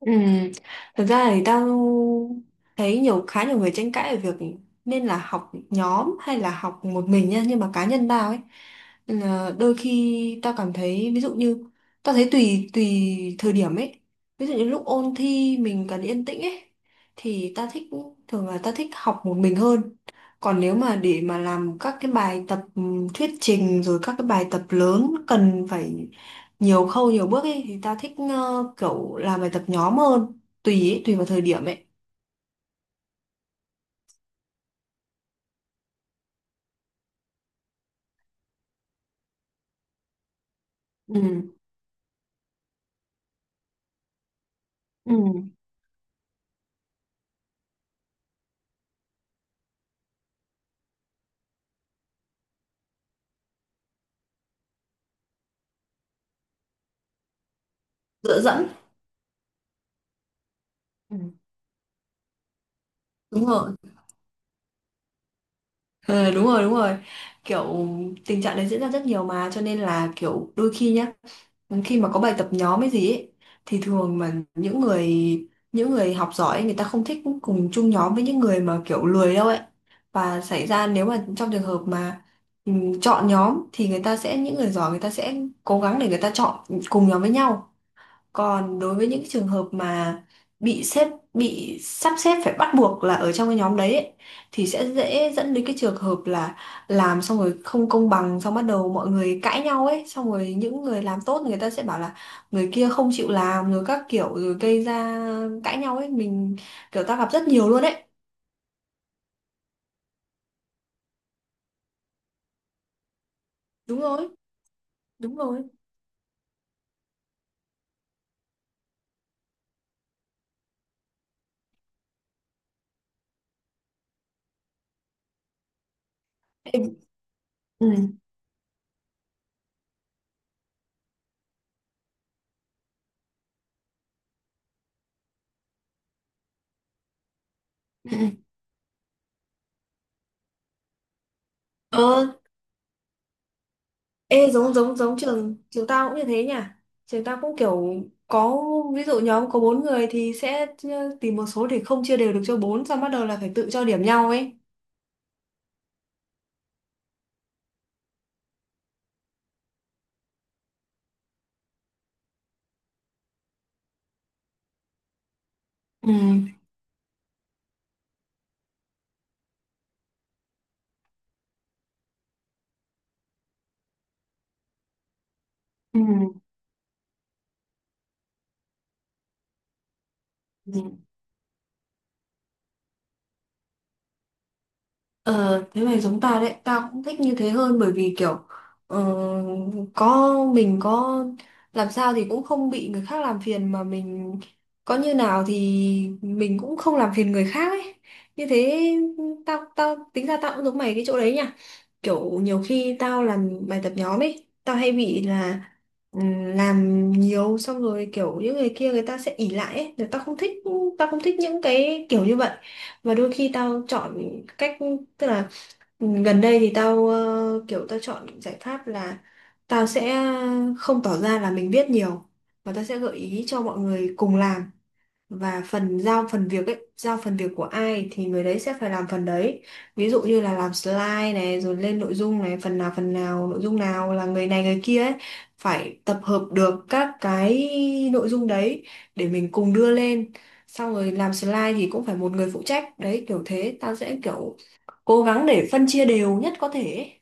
Ừ. Thực ra thì tao thấy nhiều khá nhiều người tranh cãi về việc nên là học nhóm hay là học một mình nha, nhưng mà cá nhân tao ấy là đôi khi tao cảm thấy, ví dụ như tao thấy tùy tùy thời điểm ấy, ví dụ như lúc ôn thi mình cần yên tĩnh ấy thì tao thích thường là tao thích học một mình hơn. Còn nếu mà để mà làm các cái bài tập thuyết trình rồi các cái bài tập lớn cần phải nhiều khâu nhiều bước ấy thì ta thích kiểu làm bài tập nhóm hơn, tùy ấy, tùy vào thời điểm ấy. Ừ, ừ, dựa dẫn. Ừ. Đúng rồi. Ờ, đúng rồi, đúng rồi, kiểu tình trạng đấy diễn ra rất nhiều mà, cho nên là kiểu đôi khi nhá, khi mà có bài tập nhóm hay gì ấy, thì thường mà những người học giỏi ấy, người ta không thích cùng chung nhóm với những người mà kiểu lười đâu ấy, và xảy ra nếu mà trong trường hợp mà ừ, chọn nhóm thì người ta sẽ những người giỏi người ta sẽ cố gắng để người ta chọn cùng nhóm với nhau. Còn đối với những trường hợp mà bị xếp bị sắp xếp phải bắt buộc là ở trong cái nhóm đấy ấy, thì sẽ dễ dẫn đến cái trường hợp là làm xong rồi không công bằng, xong bắt đầu mọi người cãi nhau ấy, xong rồi những người làm tốt người ta sẽ bảo là người kia không chịu làm rồi các kiểu, rồi gây ra cãi nhau ấy, mình kiểu ta gặp rất nhiều luôn ấy. Đúng rồi, đúng rồi. Em- ừ. Ừ. Ờ, ê, giống giống giống trường trường tao cũng như thế nhỉ, trường tao cũng kiểu có ví dụ nhóm có bốn người thì sẽ tìm một số để không chia đều được cho bốn, xong bắt đầu là phải tự cho điểm nhau ấy. Ừ. Ừ. Ừ. Ờ, thế mày giống tao đấy, tao cũng thích như thế hơn, bởi vì kiểu ờ, có mình có làm sao thì cũng không bị người khác làm phiền, mà mình có như nào thì mình cũng không làm phiền người khác ấy. Như thế, tao tao tính ra tao cũng giống mày cái chỗ đấy nha. Kiểu nhiều khi tao làm bài tập nhóm ấy, tao hay bị là làm nhiều xong rồi kiểu những người kia người ta sẽ ỉ lại ấy, rồi tao không thích những cái kiểu như vậy. Và đôi khi tao chọn cách, tức là gần đây thì tao kiểu tao chọn giải pháp là tao sẽ không tỏ ra là mình biết nhiều, và tao sẽ gợi ý cho mọi người cùng làm. Và phần giao phần việc ấy giao phần việc của ai thì người đấy sẽ phải làm phần đấy. Ví dụ như là làm slide này, rồi lên nội dung này, phần nào nội dung nào là người này người kia ấy phải tập hợp được các cái nội dung đấy để mình cùng đưa lên. Xong rồi làm slide thì cũng phải một người phụ trách đấy, kiểu thế, tao sẽ kiểu cố gắng để phân chia đều nhất có thể ấy.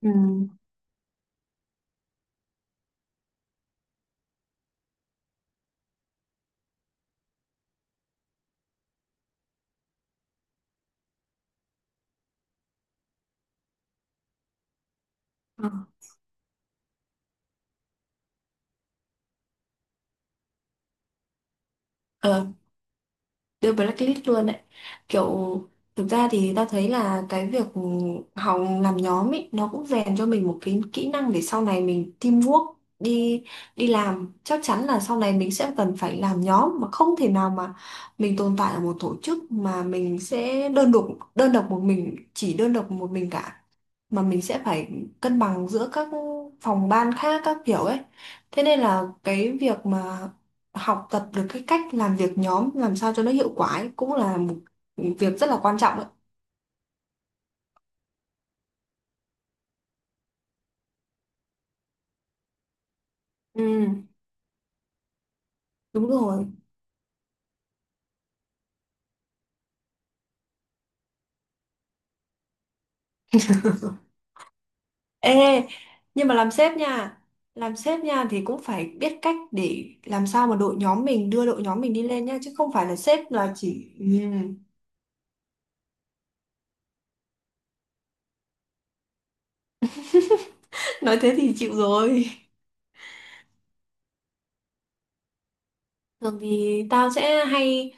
Ừ. Ờ. Ờ, đưa blacklist luôn đấy. Kiểu thực ra thì ta thấy là cái việc học làm nhóm ấy nó cũng rèn cho mình một cái kỹ năng để sau này mình teamwork, đi đi làm chắc chắn là sau này mình sẽ cần phải làm nhóm, mà không thể nào mà mình tồn tại ở một tổ chức mà mình sẽ đơn độc một mình cả, mà mình sẽ phải cân bằng giữa các phòng ban khác các kiểu ấy. Thế nên là cái việc mà học tập được cái cách làm việc nhóm làm sao cho nó hiệu quả ấy, cũng là một việc rất là quan trọng đấy. Ừ, đúng rồi. Ê, nhưng mà làm sếp nha thì cũng phải biết cách để làm sao mà đội nhóm mình đưa đội nhóm mình đi lên nha, chứ không phải là sếp là chỉ ừ. Nói thế thì chịu rồi. Thường thì tao sẽ hay,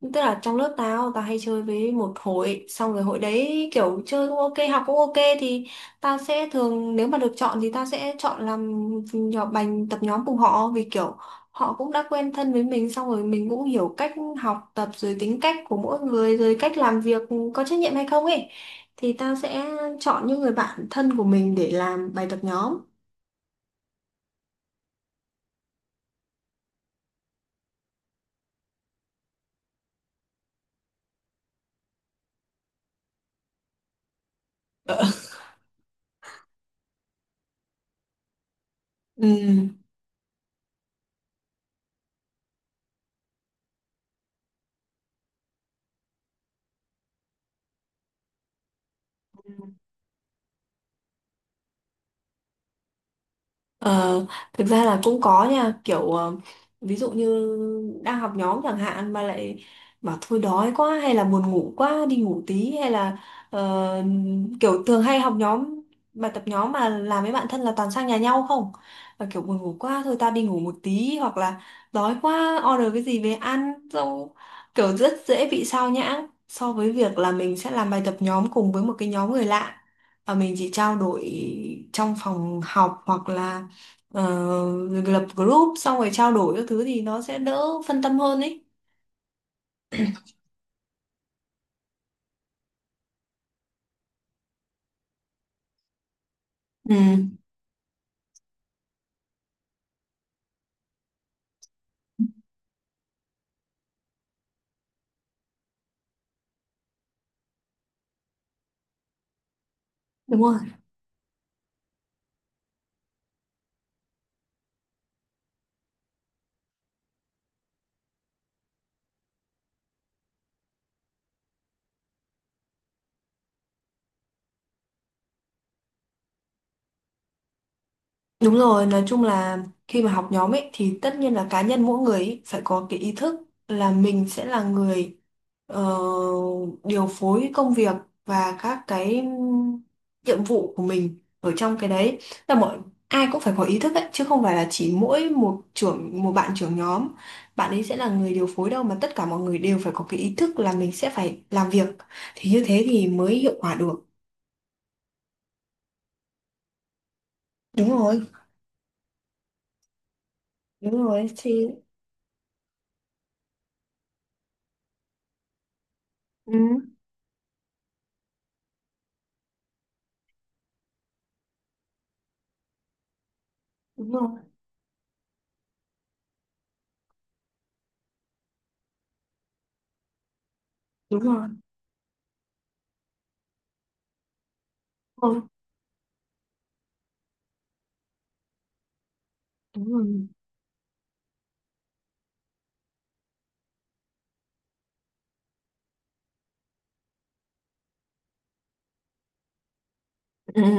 tức là trong lớp tao, tao hay chơi với một hội, xong rồi hội đấy kiểu chơi cũng ok, học cũng ok, thì tao sẽ thường nếu mà được chọn thì tao sẽ chọn làm nhỏ bành tập nhóm cùng họ, vì kiểu họ cũng đã quen thân với mình, xong rồi mình cũng hiểu cách học tập rồi tính cách của mỗi người, rồi cách làm việc có trách nhiệm hay không ấy. Thì tao sẽ chọn những người bạn thân của mình để làm bài tập nhóm. Ừ. Ờ, thực ra là cũng có nha, kiểu ví dụ như đang học nhóm chẳng hạn mà lại bảo thôi đói quá hay là buồn ngủ quá đi ngủ tí, hay là ờ, kiểu thường hay học nhóm bài tập nhóm mà làm với bạn thân là toàn sang nhà nhau không, và kiểu buồn ngủ quá thôi tao đi ngủ một tí, hoặc là đói quá order cái gì về ăn, xong kiểu rất dễ bị sao nhãng so với việc là mình sẽ làm bài tập nhóm cùng với một cái nhóm người lạ, và mình chỉ trao đổi trong phòng học hoặc là lập group xong rồi trao đổi các thứ, thì nó sẽ đỡ phân tâm hơn ấy. Ừ, đúng rồi. Đúng rồi, nói chung là khi mà học nhóm ấy thì tất nhiên là cá nhân mỗi người ấy phải có cái ý thức là mình sẽ là người ờ, điều phối công việc và các cái nhiệm vụ của mình ở trong cái đấy. Là mọi Ai cũng phải có ý thức ấy, chứ không phải là chỉ mỗi một trưởng một bạn trưởng nhóm, bạn ấy sẽ là người điều phối đâu, mà tất cả mọi người đều phải có cái ý thức là mình sẽ phải làm việc, thì như thế thì mới hiệu quả được. Đúng rồi, đúng rồi thì ừ, đúng rồi, đúng rồi. Đúng rồi. Ừ. Ừ.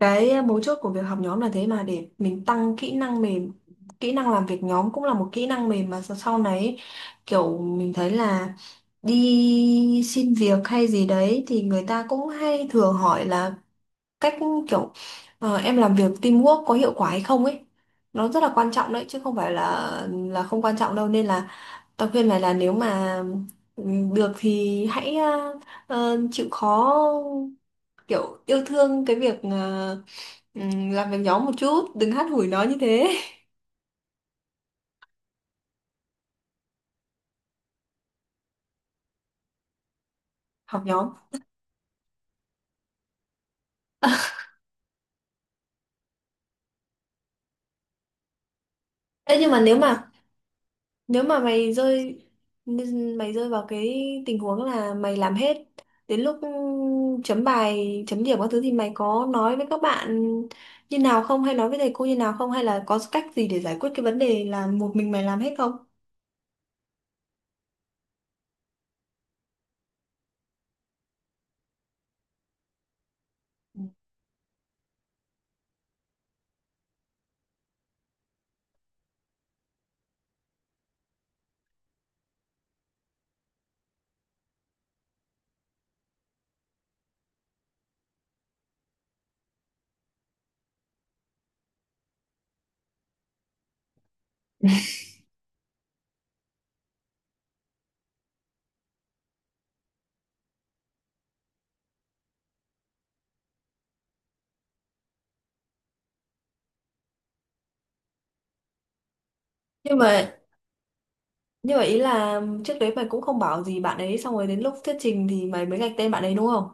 Cái mấu chốt của việc học nhóm là thế, mà để mình tăng kỹ năng mềm. Kỹ năng làm việc nhóm cũng là một kỹ năng mềm, mà sau sau này kiểu mình thấy là đi xin việc hay gì đấy thì người ta cũng hay thường hỏi là cách, kiểu em làm việc teamwork có hiệu quả hay không ấy. Nó rất là quan trọng đấy, chứ không phải là không quan trọng đâu, nên là tao khuyên mày là nếu mà ừ, được thì hãy chịu khó kiểu yêu thương cái việc làm việc nhóm một chút, đừng hát hủi nó như thế. Học nhóm. Thế nhưng mà nếu mà, nếu mà mày rơi mày rơi vào cái tình huống là mày làm hết, đến lúc chấm bài chấm điểm các thứ thì mày có nói với các bạn như nào không, hay nói với thầy cô như nào không, hay là có cách gì để giải quyết cái vấn đề là một mình mày làm hết không? nhưng mà nhưng mà ý là trước đấy mày cũng không bảo gì bạn ấy, xong rồi đến lúc thuyết trình thì mày mới gạch tên bạn ấy, đúng không?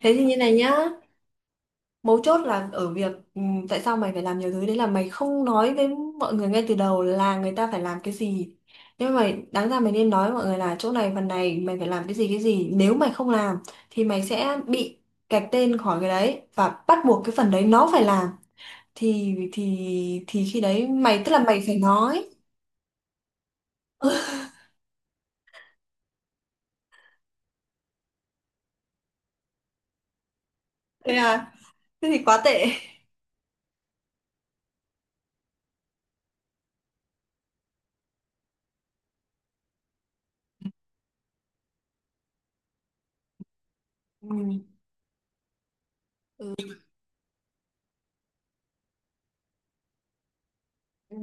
Thế thì như này nhá, mấu chốt là ở việc tại sao mày phải làm nhiều thứ đấy là mày không nói với mọi người ngay từ đầu là người ta phải làm cái gì. Nhưng mà đáng ra mày nên nói với mọi người là chỗ này phần này mày phải làm cái gì cái gì. Nếu mày không làm thì mày sẽ bị gạch tên khỏi cái đấy, và bắt buộc cái phần đấy nó phải làm. Thì thì khi đấy mày tức là mày phải nói. Thế à? Thế thì quá tệ. Ừ. Ừ.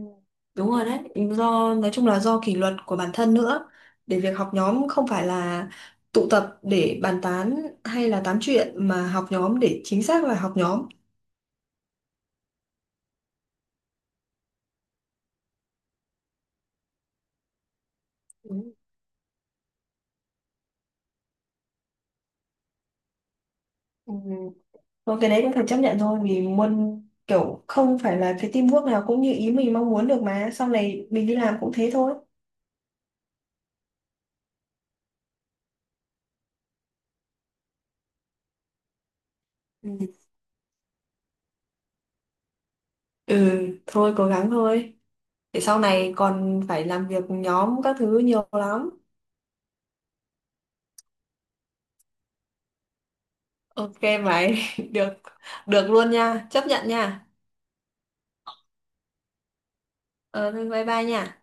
Đúng rồi đấy, do nói chung là do kỷ luật của bản thân nữa. Để việc học nhóm không phải là tụ tập để bàn tán hay là tám chuyện, mà học nhóm để chính xác là học nhóm. Ừ. Ừ. Thôi cái đấy cũng phải chấp nhận thôi, vì muốn kiểu không phải là cái teamwork nào cũng như ý mình mong muốn được, mà sau này mình đi làm cũng thế thôi. Ừ, ừ, thôi cố gắng thôi. Để sau này còn phải làm việc nhóm các thứ nhiều lắm. Ok mày, được được luôn nha, chấp nhận nha. Ờ, thôi bye bye nha.